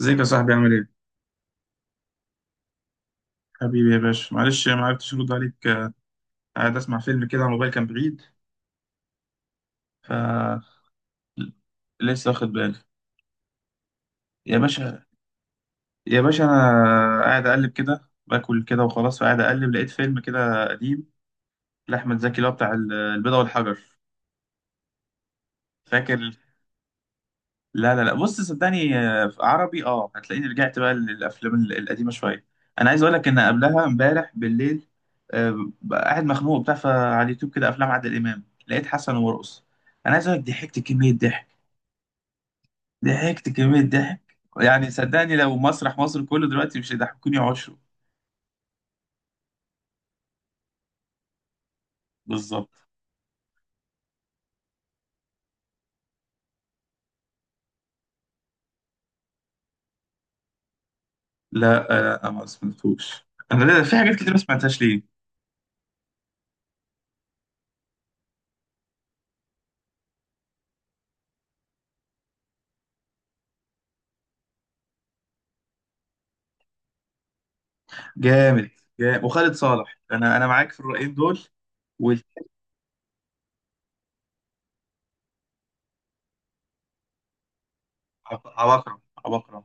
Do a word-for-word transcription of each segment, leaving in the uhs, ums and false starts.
ازيك يا صاحبي عامل ايه؟ حبيبي يا باشا، معلش ما عرفتش ارد عليك، آه، قاعد اسمع فيلم كده على الموبايل، كان بعيد. ف لسه واخد بالي. يا باشا، يا باشا انا قاعد اقلب كده باكل كده وخلاص، فقاعد اقلب لقيت فيلم كده قديم لاحمد زكي اللي هو بتاع ال- البيضة والحجر. فاكر؟ لا لا لا، بص صدقني، آه، في عربي. اه، هتلاقيني رجعت بقى للافلام ال- القديمه شويه. انا عايز اقول لك ان قبلها امبارح بالليل، آه، بقى قاعد مخنوق وبتاع، فعلى اليوتيوب كده افلام عادل امام لقيت حسن ومرقص. انا عايز اقول لك ضحكت كميه ضحك، ضحكت كميه ضحك. يعني صدقني لو مسرح مصر كله دلوقتي مش هيضحكوني عشره. بالظبط. لا، آه، لا انا ما سمعتوش. انا لا- في حاجات كتير ما سمعتهاش ليه. جامد. جامد وخالد صالح، انا انا معاك في الرأيين دول. وعباقرة. عباقرة. عباقرة.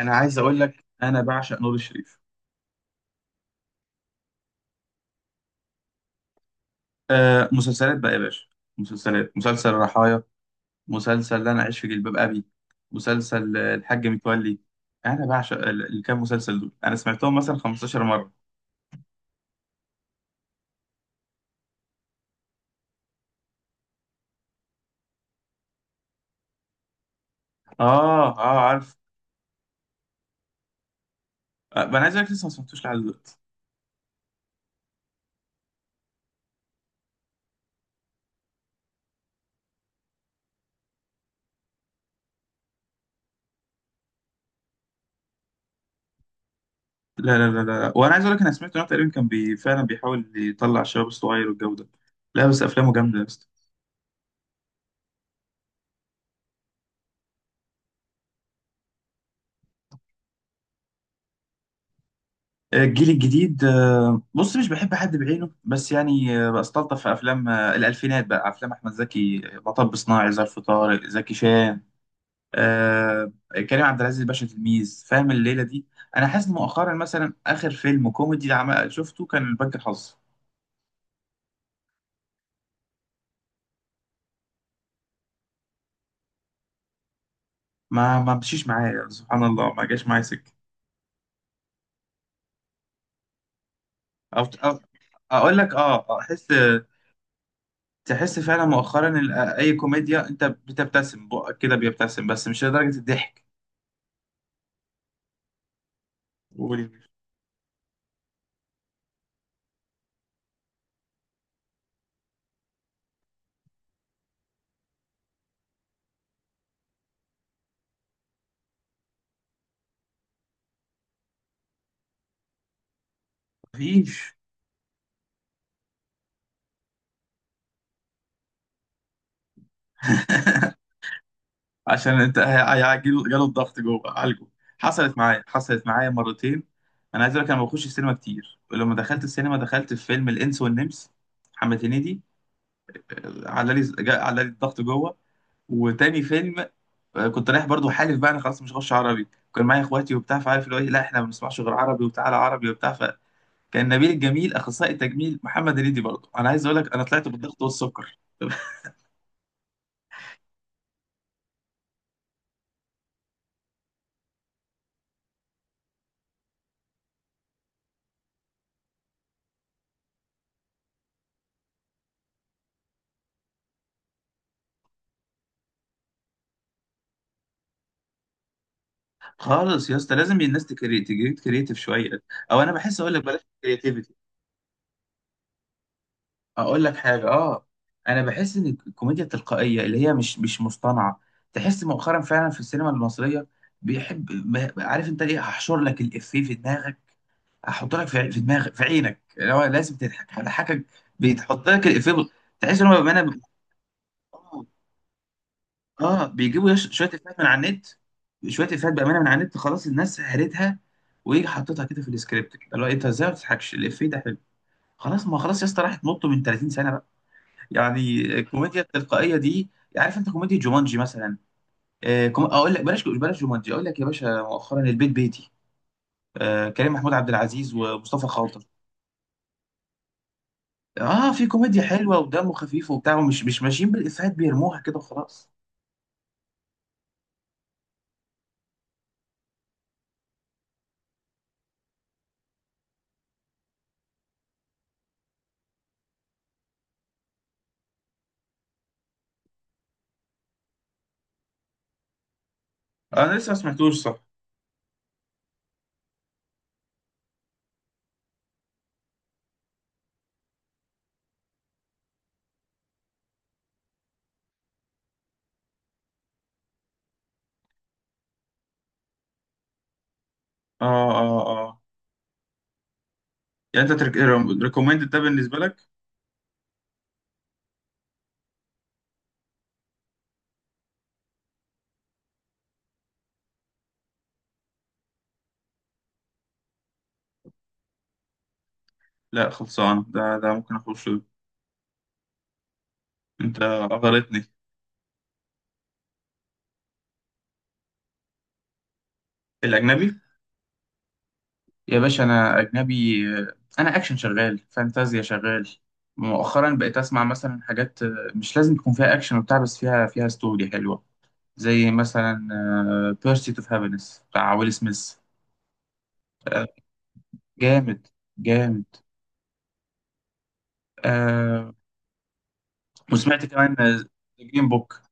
انا عايز اقول لك انا بعشق نور الشريف. آه، مسلسلات بقى يا باشا. مسلسلات. مسلسل رحايا، مسلسل لا انا اعيش في جلباب ابي، مسلسل آه، الحاج متولي. انا بعشق ال- الكام مسلسل دول، انا سمعتهم مثلا خمستاشر مره. اه اه، عارف. آه، انا عايز اقول لك لسه ما سمعتوش لحد دلوقتي. لا لا لا لا، وانا عايز اقول لك انا سمعت ان هو تقريبا كان بي فعلا بيحاول يطلع الشباب الصغير والجو ده. لا بس افلامه جامده يا اسطى. الجيل الجديد، آه، بص مش بحب حد بعينه بس يعني، آه، بستلطف في افلام آه، الالفينات بقى، افلام احمد زكي، آه، مطب صناعي، ظرف، طارق زكي شان. آه، كريم عبد العزيز باشا، تلميذ فاهم، الليله دي. انا حاسس مؤخرا مثلا اخر فيلم كوميدي عم- شفته كان بنك الحظ. ما ما مشيش معايا، سبحان الله ما جاش معايا سكه. أو أو- اقول لك اه احس. تحس فعلا مؤخرا ال- اي كوميديا انت بتبتسم بقك كده، بيبتسم بس مش لدرجه الضحك. قولي. مفيش. عشان انت هيجيله جاله الضغط جوه عالجه. حصلت معايا، حصلت معايا مرتين. انا عايز اقول لك انا ما بخش السينما كتير، ولما دخلت السينما دخلت في فيلم الانس والنمس، محمد هنيدي. آه، على لي جا- على لي الضغط جوه. وتاني فيلم، آه، كنت رايح برضو، حالف بقى انا خلاص مش هخش عربي. كان معايا اخواتي وبتاع، فعارف اللي هو إيه، لا احنا ما بنسمعش غير عربي، وتعالى عربي وبتاع، فكان نبيل الجميل اخصائي التجميل، محمد هنيدي برضو. انا عايز اقول لك انا طلعت بالضغط والسكر. خالص يا اسطى، لازم الناس تكري- تجيب كريتيف شويه. او انا بحس، اقول لك بلاش كريتيفيتي. اقول لك حاجه اه، انا بحس ان الكوميديا التلقائيه اللي هي مش مش مصطنعه، تحس مؤخرا فعلا في السينما المصريه. بيحب، ب- عارف انت ليه؟ هحشر لك الافيه في دماغك، هحط لك في في دماغك في عينك، اللي هو لازم تضحك، هضحكك. بيتحط لك الافيه بال- تحس ان هو بيبقى. انا اه، بيجيبوا يش- شويه افيهات من على النت، شويه افيهات بامانه من على النت خلاص الناس هرتها، ويجي حاططها كده في السكريبت كده، اللي هو انت ازاي ما بتضحكش الافيه ده حلو. خلاص، ما خلاص يا اسطى راحت، نط من ثلاثين سنه بقى، يعني الكوميديا التلقائيه دي. عارف انت كوميديا جومانجي مثلا؟ آه كوم... اقول لك بلاش، بلاش جومانجي. اقول لك يا باشا مؤخرا البيت بيتي، آه، كريم محمود عبد العزيز ومصطفى خاطر. اه، في كوميديا حلوه ودمه خفيف وبتاع، ومش مش ماشيين بالافيهات بيرموها كده وخلاص. انا لسه ما سمعتوش، صح. اه اه، آه. يعني انت ريكومندد ده بالنسبه لك؟ لا خلصان، ده ده ممكن اخش له. انت غلطني. الاجنبي. يا باشا انا اجنبي. انا اكشن شغال، فانتازيا شغال. مؤخرا بقيت اسمع مثلا حاجات مش لازم يكون فيها اكشن وبتاع، بس فيها فيها ستوري حلوه، زي مثلا بيرسيت اوف هابينس بتاع ويل سميث. آه، جامد. جامد. آه، وسمعت كمان ذا جرين بوك.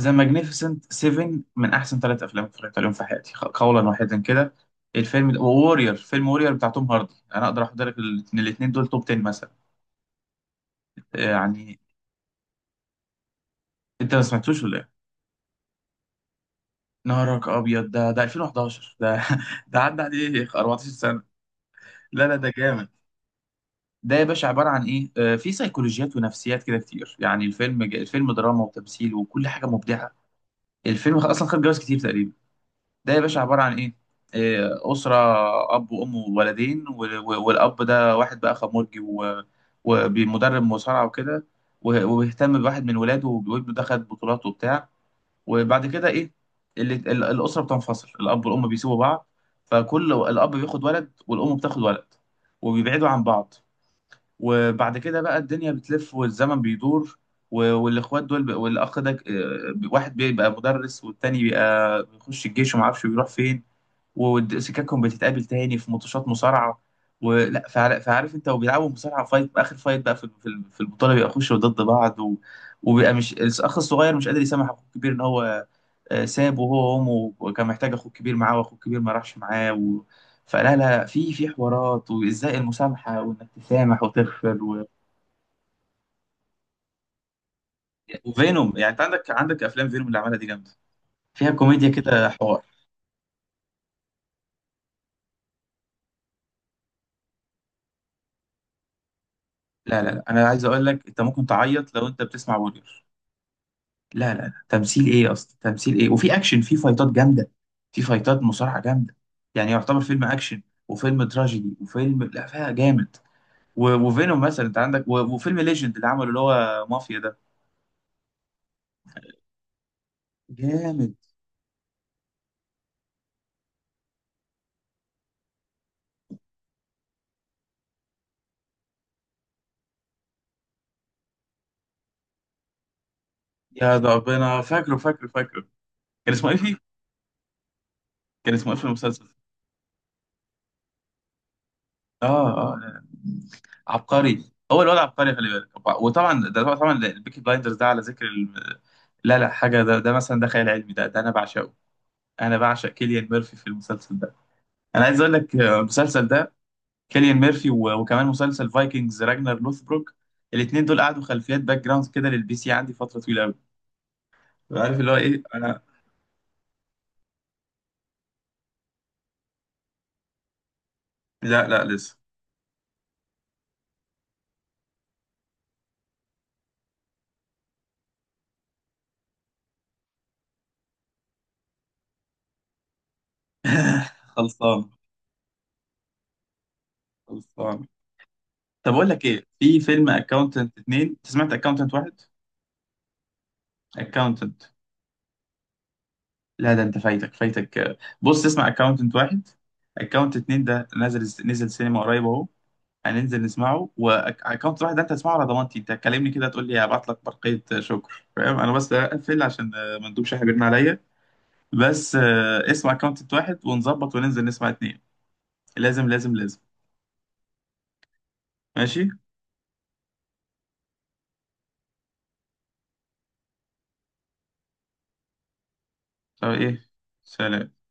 ذا ماجنيفيسنت سفن من احسن ثلاث افلام اتفرجت عليهم في حياتي، خ- قولا واحدا كده. الفيلم ده وورير. فيلم وورير بتاع توم هاردي، انا اقدر احط لك الاثنين دول توب عشرة مثلا، آه، يعني. انت ما سمعتوش ولا ايه؟ نهارك ابيض، ده ده الفين وحداشر، ده ده عدى عليه اربعتاشر سنه. لا لا، ده جامد. ده يا باشا عباره عن ايه؟ آه، في سيكولوجيات ونفسيات كده كتير، يعني الفيلم، الفيلم دراما وتمثيل وكل حاجه مبدعه. الفيلم اصلا خد جوائز كتير تقريبا. ده يا باشا عبارة عن إيه؟ إيه، أسرة، أب وأم وولدين وال- و- والأب ده واحد بقى خمرجي، و- ومدرب مصارعة وكده، و- وبيهتم بواحد من ولاده، وابنه ده خد بطولات وبتاع. وبعد كده إيه؟ اللي ال- الأسرة بتنفصل، الأب والأم بيسيبوا بعض، فكل الأب بياخد ولد والأم بتاخد ولد، وبيبعدوا عن بعض. وبعد كده بقى الدنيا بتلف والزمن بيدور، و- والإخوات دول، ب- والأخ ده، آه، واحد بيبقى مدرس والتاني بيبقى بيخش الجيش وما اعرفش بيروح فين، وسكاكهم بتتقابل تاني في ماتشات مصارعه. ولا فعار- فعارف انت، وبيلعبوا مصارعه، فايت اخر فايت بقى في في في البطوله بيبقى يخشوا ضد بعض. و... وبيبقى مش الاخ الصغير مش قادر يسامح اخوه الكبير ان هو آه، سابه هو وامه، وكان محتاج اخوه الكبير معاه واخوه الكبير ما راحش معاه. و... فلا لا، في في حوارات، وازاي المسامحه، وانك تسامح وتغفر. و... وفينوم، يعني انت عندك، عندك افلام فينوم اللي عملها دي جامده، فيها كوميديا كده، حوار. لا لا لا، انا عايز اقول لك انت ممكن تعيط لو انت بتسمع وورير. لا لا لا، تمثيل ايه اصلا، تمثيل ايه، وفي اكشن، في فايتات جامده، في فايتات مصارعه جامده. يعني يعتبر فيلم اكشن وفيلم تراجيدي وفيلم، لا فيها جامد. و- وفينوم مثلا انت عندك، و- وفيلم ليجند اللي عمله اللي هو مافيا ده جامد. يا ده ربنا، فاكره فاكره فاكره. كان اسمه ايه فيه؟ كان اسمه ايه في المسلسل؟ اه اه، لا. عبقري. هو الواد عبقري، خلي بالك. وطبعا ده طبعا البيكي بلايندرز ده، على ذكر الم... لا لا حاجه. ده ده مثلا ده خيال علمي، ده ده انا بعشقه. انا بعشق كيليان ميرفي في المسلسل ده. انا عايز اقول لك، آه، المسلسل ده كيليان ميرفي، و- وكمان مسلسل فايكنجز راجنر لوثبروك، الاثنين دول قعدوا خلفيات باك جراوند كده للبي سي عندي فتره طويله قوي. عارف اللي هو ايه انا؟ لا لا، لسه. خلصان. خلصان. طب اقول لك ايه، في فيلم اكاونتنت اتنين، انت سمعت اكاونتنت واحد؟ اكاونتنت. لا، ده انت فايتك فايتك، آه، بص اسمع اكاونتنت واحد، اكاونتنت اتنين ده نزل، نزل سينما قريب اهو، هننزل نسمعه. واكونت واحد ده انت هتسمعه، على ضمانتي انت هتكلمني كده تقول لي هبعت لك برقية شكر، فاهم؟ انا بس اقفل عشان ما ندوبش شحن بيرن عليا، بس آه، اسمع اكونت واحد ونظبط، وننزل نسمع اتنين، لازم لازم لازم. ماشي. طب ايه. سلام.